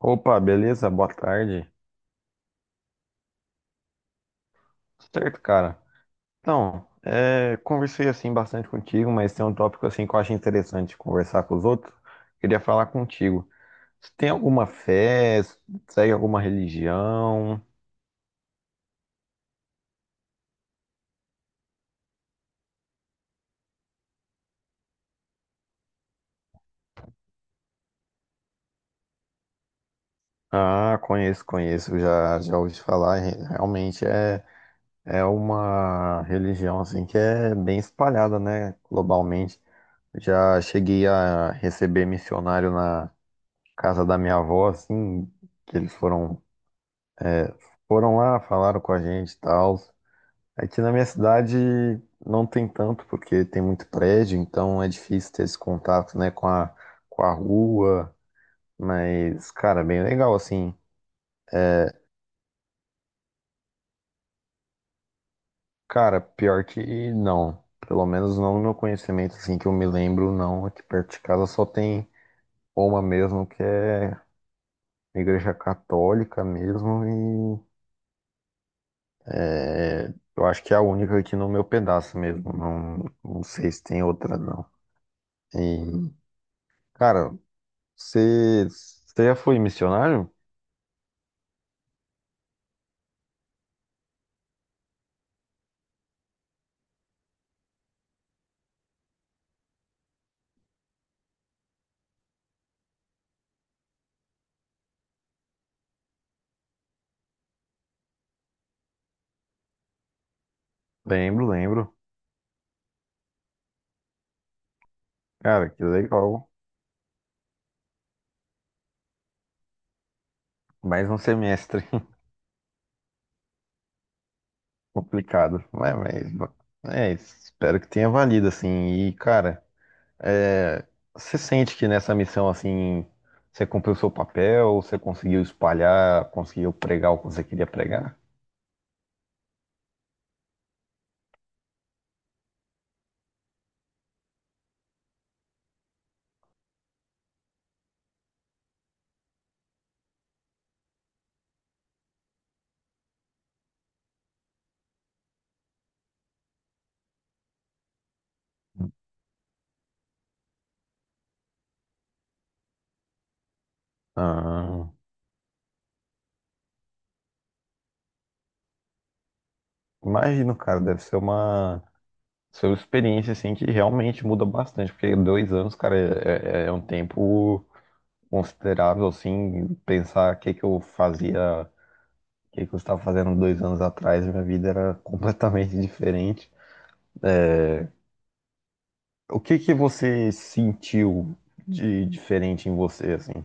Opa, beleza? Boa tarde. Certo, cara. Então, conversei assim bastante contigo, mas tem um tópico assim que eu acho interessante conversar com os outros. Queria falar contigo. Você tem alguma fé? Segue alguma religião? Ah, conheço, conheço. Já ouvi falar. Realmente é uma religião assim que é bem espalhada, né? Globalmente. Já cheguei a receber missionário na casa da minha avó, assim, que eles foram foram lá, falaram com a gente e tal. Aqui na minha cidade não tem tanto, porque tem muito prédio, então é difícil ter esse contato, né, com a rua. Mas, cara, bem legal, assim. Cara, pior que não. Pelo menos não no meu conhecimento, assim, que eu me lembro, não. Aqui perto de casa só tem uma mesmo, que é igreja católica mesmo. E eu acho que é a única aqui no meu pedaço mesmo. Não, não sei se tem outra, não. E, cara. Você já foi missionário? Lembro, lembro. Cara, que legal. Mais um semestre complicado. Mas isso. Espero que tenha valido, assim. E, cara, é, você sente que nessa missão, assim, você cumpriu seu papel, você conseguiu espalhar, conseguiu pregar o que você queria pregar? Ah, imagino, cara, ser uma experiência assim que realmente muda bastante, porque dois anos, cara, é um tempo considerável, assim, pensar o que que eu fazia, o que que eu estava fazendo dois anos atrás, minha vida era completamente diferente. O que que você sentiu de diferente em você, assim?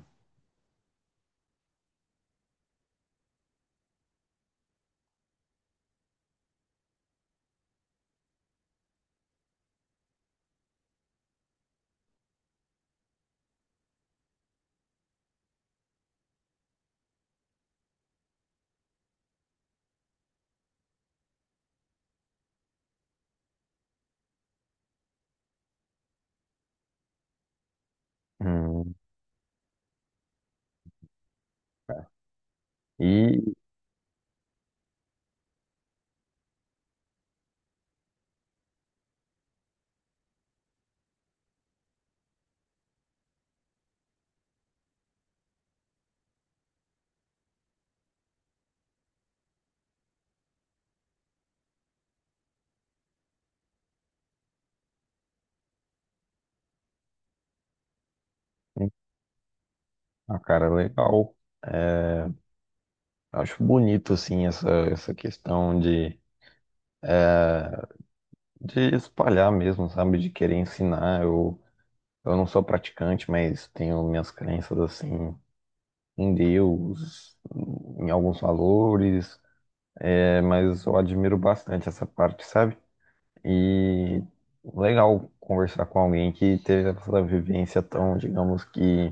Hum, é, e, ah, cara, legal. Acho bonito, assim, essa questão de espalhar mesmo, sabe? De querer ensinar. Eu não sou praticante, mas tenho minhas crenças assim em Deus, em alguns valores, mas eu admiro bastante essa parte, sabe? E legal conversar com alguém que teve essa vivência tão, digamos que,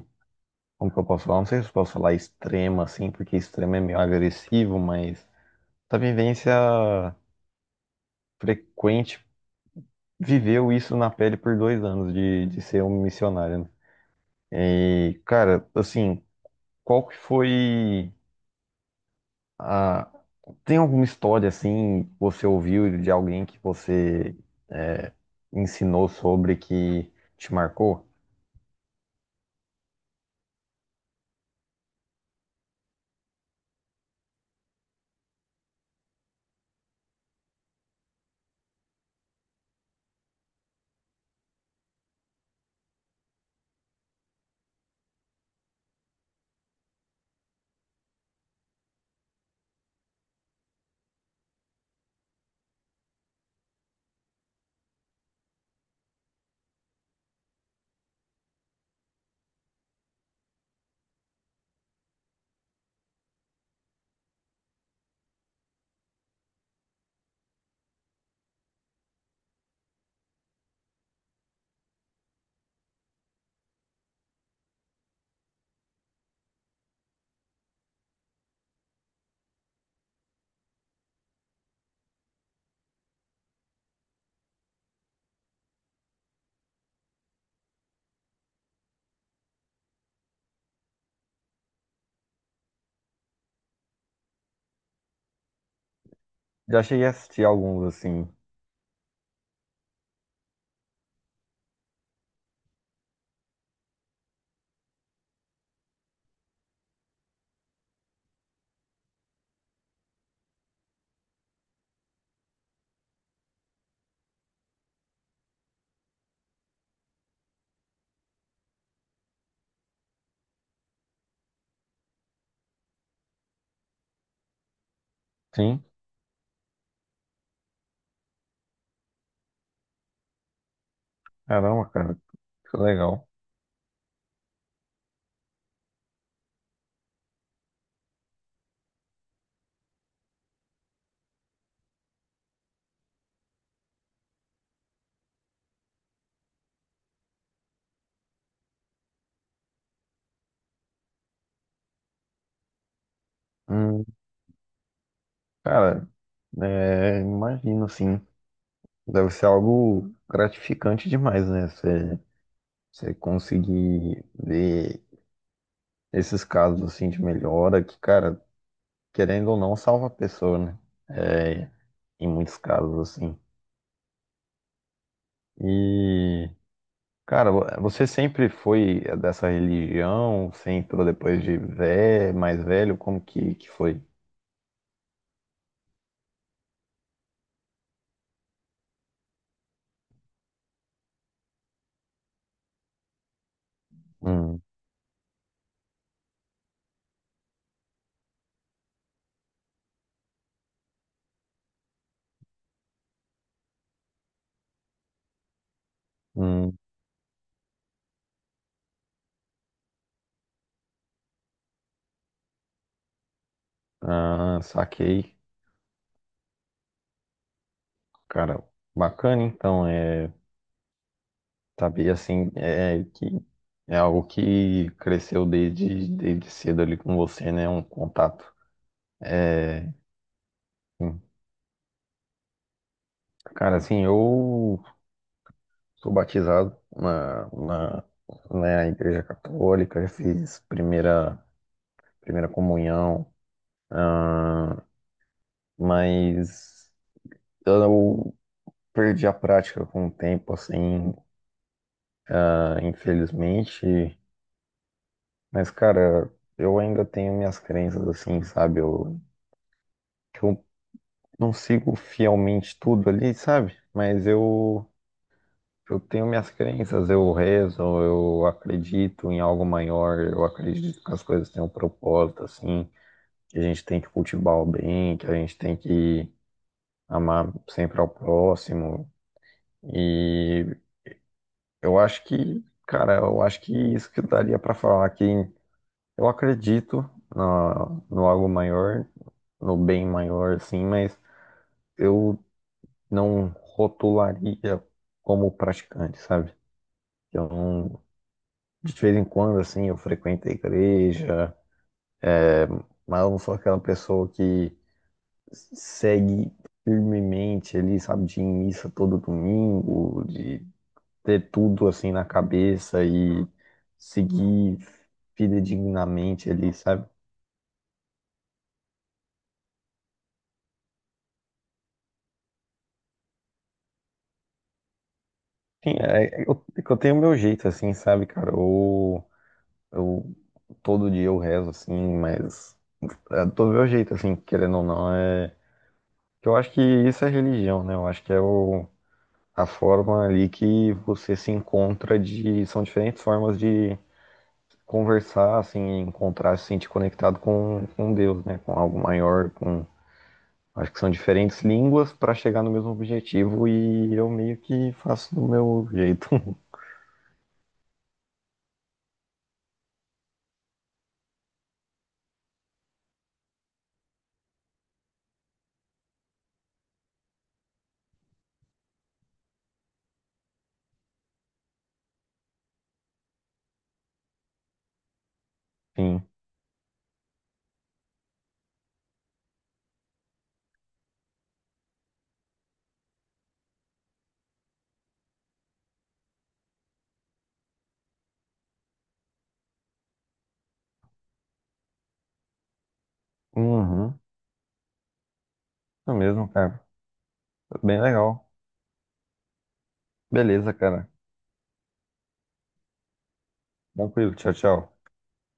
como que eu posso falar? Não sei se eu posso falar extrema assim, porque extrema é meio agressivo, mas essa vivência frequente viveu isso na pele por dois anos de ser um missionário, né? E, cara, assim, qual que foi a... Tem alguma história, assim, que você ouviu de alguém que você é, ensinou sobre que te marcou? Já cheguei a assistir alguns, assim. Sim? Caramba, cara, que legal. Hum, cara, imagino, assim, deve ser algo gratificante demais, né? Você conseguir ver esses casos, assim, de melhora, que, cara... querendo ou não, salva a pessoa, né? É, em muitos casos, assim. E, cara, você sempre foi dessa religião? Você entrou depois de vé mais velho? Como que foi? Hum, hum, ah, saquei. Cara, bacana, então, é, saber, assim, é que é algo que cresceu desde cedo ali com você, né? Um contato. É, hum. Cara, assim, eu sou batizado na Igreja Católica, já fiz primeira comunhão, mas eu perdi a prática com o tempo, assim, ah, infelizmente. Mas, cara, eu ainda tenho minhas crenças, assim, sabe? Eu não sigo fielmente tudo ali, sabe? Eu tenho minhas crenças, eu rezo, eu acredito em algo maior, eu acredito que as coisas têm um propósito, assim. Que a gente tem que cultivar o bem, que a gente tem que amar sempre ao próximo. E eu acho que, cara, eu acho que isso que daria para falar que eu acredito no algo maior, no bem maior, assim, mas eu não rotularia como praticante, sabe? Eu não, de vez em quando, assim, eu frequento a igreja, mas eu não sou aquela pessoa que segue firmemente ali, sabe, de ir em missa todo domingo, de ter tudo assim na cabeça e seguir fidedignamente ali, sabe? Enfim, eu tenho meu jeito assim, sabe, cara? Eu todo dia eu rezo assim, mas é do meu jeito assim, querendo ou não, é que eu acho que isso é religião, né? Eu acho que é a forma ali que você se encontra de são diferentes formas de conversar, assim, encontrar, se sentir conectado com Deus, né? Com algo maior, com. Acho que são diferentes línguas para chegar no mesmo objetivo e eu meio que faço do meu jeito. Sim. Uhum. Isso mesmo, cara. Bem legal. Beleza, cara. Tranquilo. Tchau, tchau.